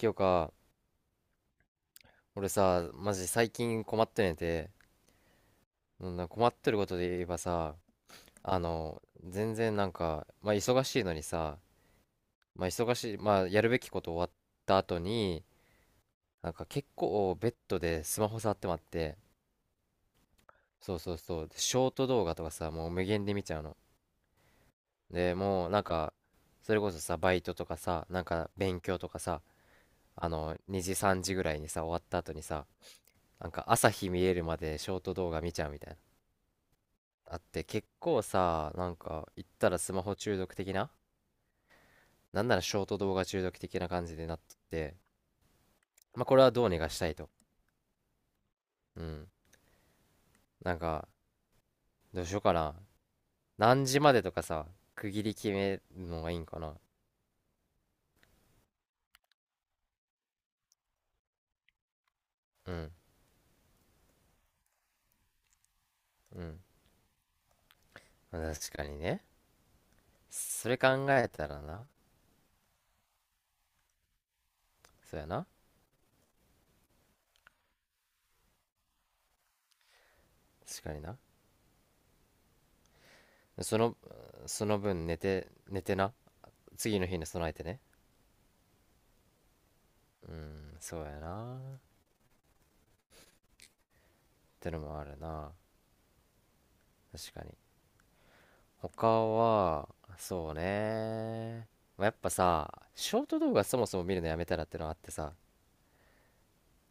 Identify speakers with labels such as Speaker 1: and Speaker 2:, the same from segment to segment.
Speaker 1: 今日か。俺さ、マジ最近困ってねて、うん、な困ってることで言えばさ、全然なんか、まあ忙しいのにさ、まあ忙しい、まあやるべきこと終わった後に、なんか結構ベッドでスマホ触ってまって、そうそうそう、でショート動画とかさ、もう無限で見ちゃうの。で、もうなんか、それこそさ、バイトとかさ、なんか勉強とかさ、2時3時ぐらいにさ、終わった後にさ、なんか朝日見えるまでショート動画見ちゃうみたいな。あって、結構さ、なんか言ったらスマホ中毒的な、なんならショート動画中毒的な感じでなってて、まあこれはどうにかしたいと。うん、なんか、どうしようかな。何時までとかさ、区切り決めるのがいいんかな。うん、うん。確かにね。それ考えたらな。そうやな。確かにな。そのその分寝て寝てな、次の日に備えてね。うん、そうやなってのもあるな。確かに。他は、そうね。まあ、やっぱさ、ショート動画そもそも見るのやめたらってのあってさ、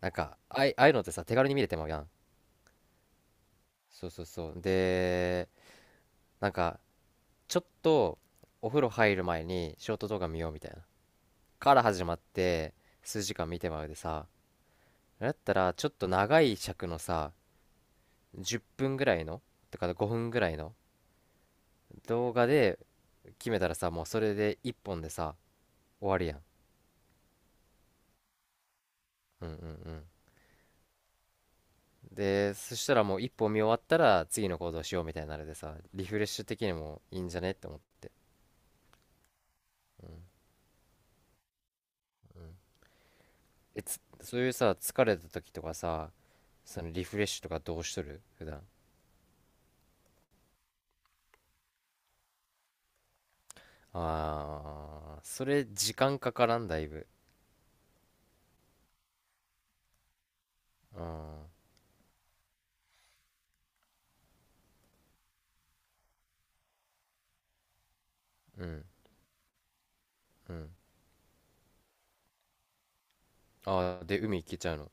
Speaker 1: なんか、ああいうのってさ、手軽に見れてまうやん。そうそうそう。で、なんか、ちょっとお風呂入る前にショート動画見ようみたいな、から始まって、数時間見てまうでさ、だったら、ちょっと長い尺のさ、10分ぐらいの、とか5分ぐらいの動画で決めたらさ、もうそれで1本でさ、終わるやん。うんうんうん。で、そしたら、もう一本見終わったら次の行動しようみたいになるでさ、リフレッシュ的にもいいんじゃねって思って。うん、うん。そういうさ、疲れた時とかさ、そのリフレッシュとかどうしとる普段？ああ、それ時間かからんだいぶ。ああ、うん、うん。ああ、で、海行けちゃうの？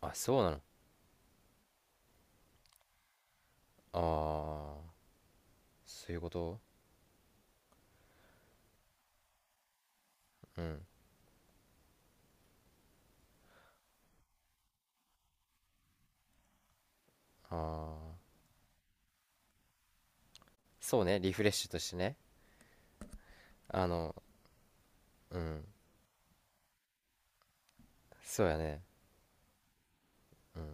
Speaker 1: あ、そうなの。ああ、そういうこと。うん。ああ、そうね、リフレッシュとしてね。あの、うん、そうやね。うん。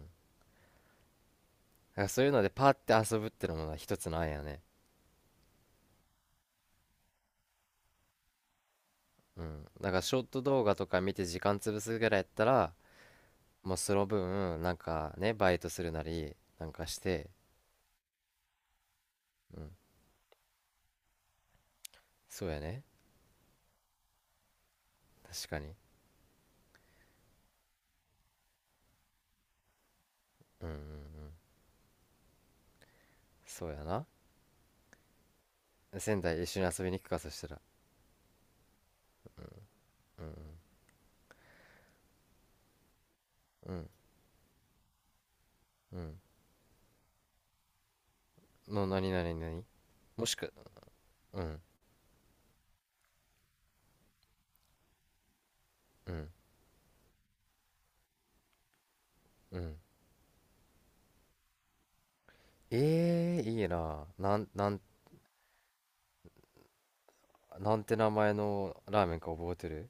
Speaker 1: なんかそういうのでパーって遊ぶってのもな、一つの案やね。うん。だからショート動画とか見て時間潰すぐらいやったら、もうその分、なんかね、バイトするなり、なんかして、うん、そうやね。確かに。うんうんうん。そうやな。仙台一緒に遊びに行くか、そしたら。うん、うん、うん、うん。の、なになになに。もしく、うんうんうん。ええー、いいな。なんて名前のラーメンか覚えてる？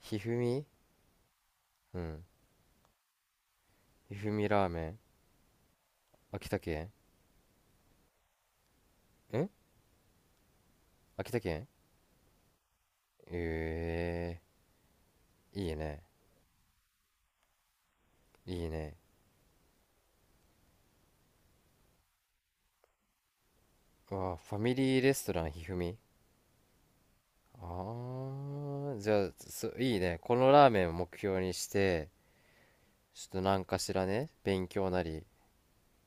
Speaker 1: ひふみ。うん。ひふみラーメン。秋田県、ん、秋田県。ええー、いいね。いいね。わあ、ファミリーレストランひふみ。あー、じゃあ、いいね。このラーメンを目標にして、ちょっと何かしらね、勉強なり、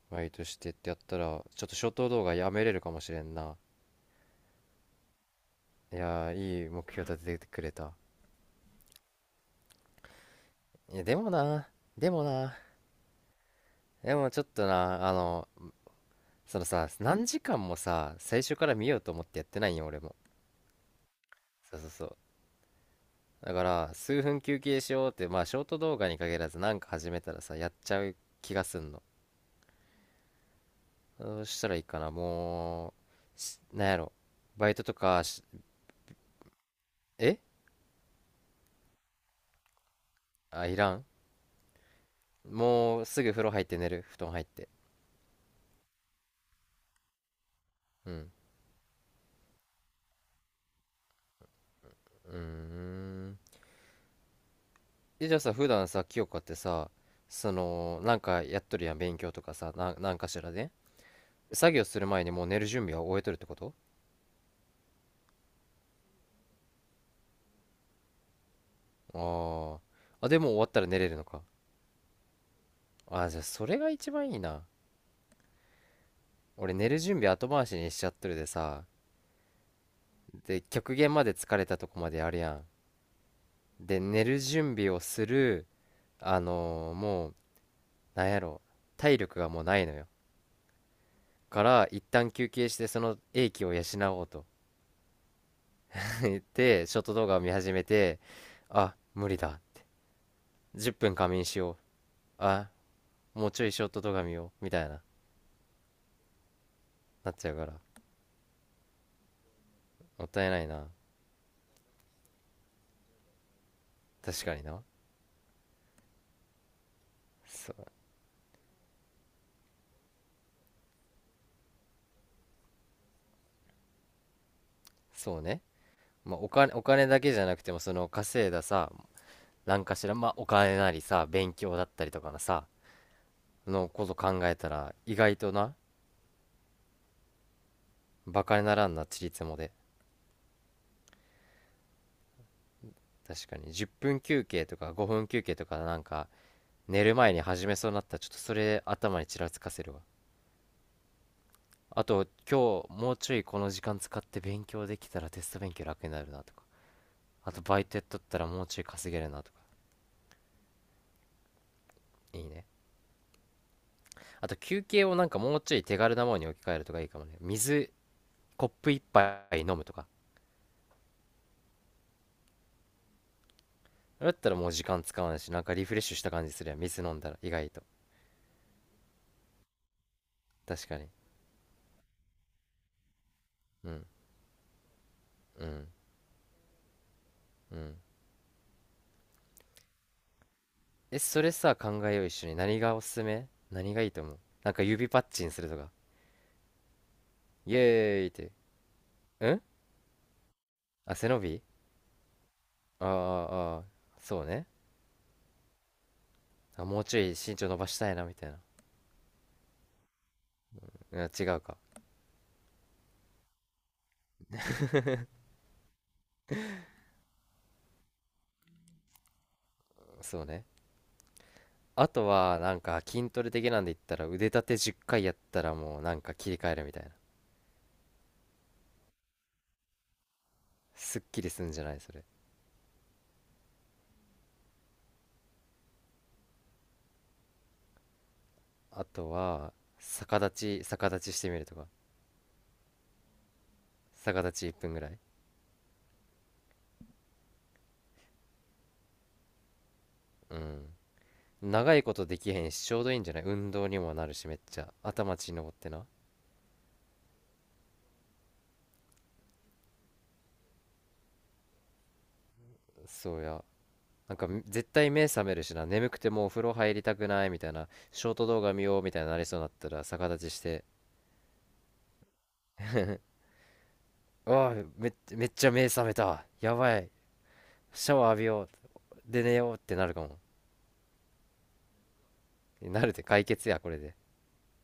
Speaker 1: バイトしてってやったら、ちょっとショート動画やめれるかもしれんな。いやー、いい目標立ててくれた。いや、でもな、でもな、でもちょっとな、そのさ、何時間もさ、最初から見ようと思ってやってないよ、俺も。そうそうそう。だから数分休憩しようって、まあショート動画に限らず、なんか始めたらさ、やっちゃう気がすんの。どうしたらいいかな。もうしなんやろ。バイトとかし、え、あ、いらん。もうすぐ風呂入って寝る、布団入って。うん、うーん。え、じゃあさ、普段さ、清香ってさ、そのなんかやっとるやん、勉強とかさな、なんかしらね、作業する前にもう寝る準備は終えとるってこと？あー、あでも終わったら寝れるのか。あー、じゃあそれが一番いいな。俺寝る準備後回しにしちゃっとるでさ、で極限まで疲れたとこまでやるやん、で寝る準備をする。もう、なんやろ、体力がもうないのよ。から一旦休憩して、その英気を養おうと 言って、ショート動画を見始めて、あ、無理だ、10分仮眠しよう、あ、もうちょいショート動画見ようみたいな、なっちゃうから。もったいないな。確かにな。そう、そうね。まあお金、お金だけじゃなくても、その稼いださ、なんかしら、まあ、お金なりさ、勉強だったりとかのさ、のこと考えたら、意外とな、バカにならんな、ちりつもで。確かに、10分休憩とか5分休憩とか、なんか、寝る前に始めそうになったら、ちょっとそれ頭にちらつかせるわ。あと、今日もうちょいこの時間使って勉強できたらテスト勉強楽になるなとか。あと、バイトやっとったらもうちょい稼げるなとか。いいね。あと、休憩をなんかもうちょい手軽なものに置き換えるとかいいかもね。水、コップ一杯飲むとか。だったらもう時間使わないし、なんかリフレッシュした感じするやん、水飲んだら意外と。確かに。うんうんうん。え、それさ、考えよう一緒に。何がおすすめ、何がいいと思う？なんか指パッチンするとか、イエーイって。うん。あ、背伸び。あー、あー、そうね。あ、もうちょい身長伸ばしたいなみたいな。うん、違うか。そうね。あとはなんか筋トレ的なんで言ったら腕立て10回やったらもうなんか切り替えるみたいな、すっきりすんじゃないそれ。あとは、逆立ちしてみるとか。逆立ち1分ぐらい。うん。長いことできへんしちょうどいいんじゃない、運動にもなるし、めっちゃ頭血登ってな。そうや。なんか絶対目覚めるしな、眠くてもうお風呂入りたくないみたいな、ショート動画見ようみたいになりそうになったら逆立ちして。「ああ、めっちゃ目覚めたやばい、シャワー浴びようで寝よう」ってなるかも。なるで解決やこれで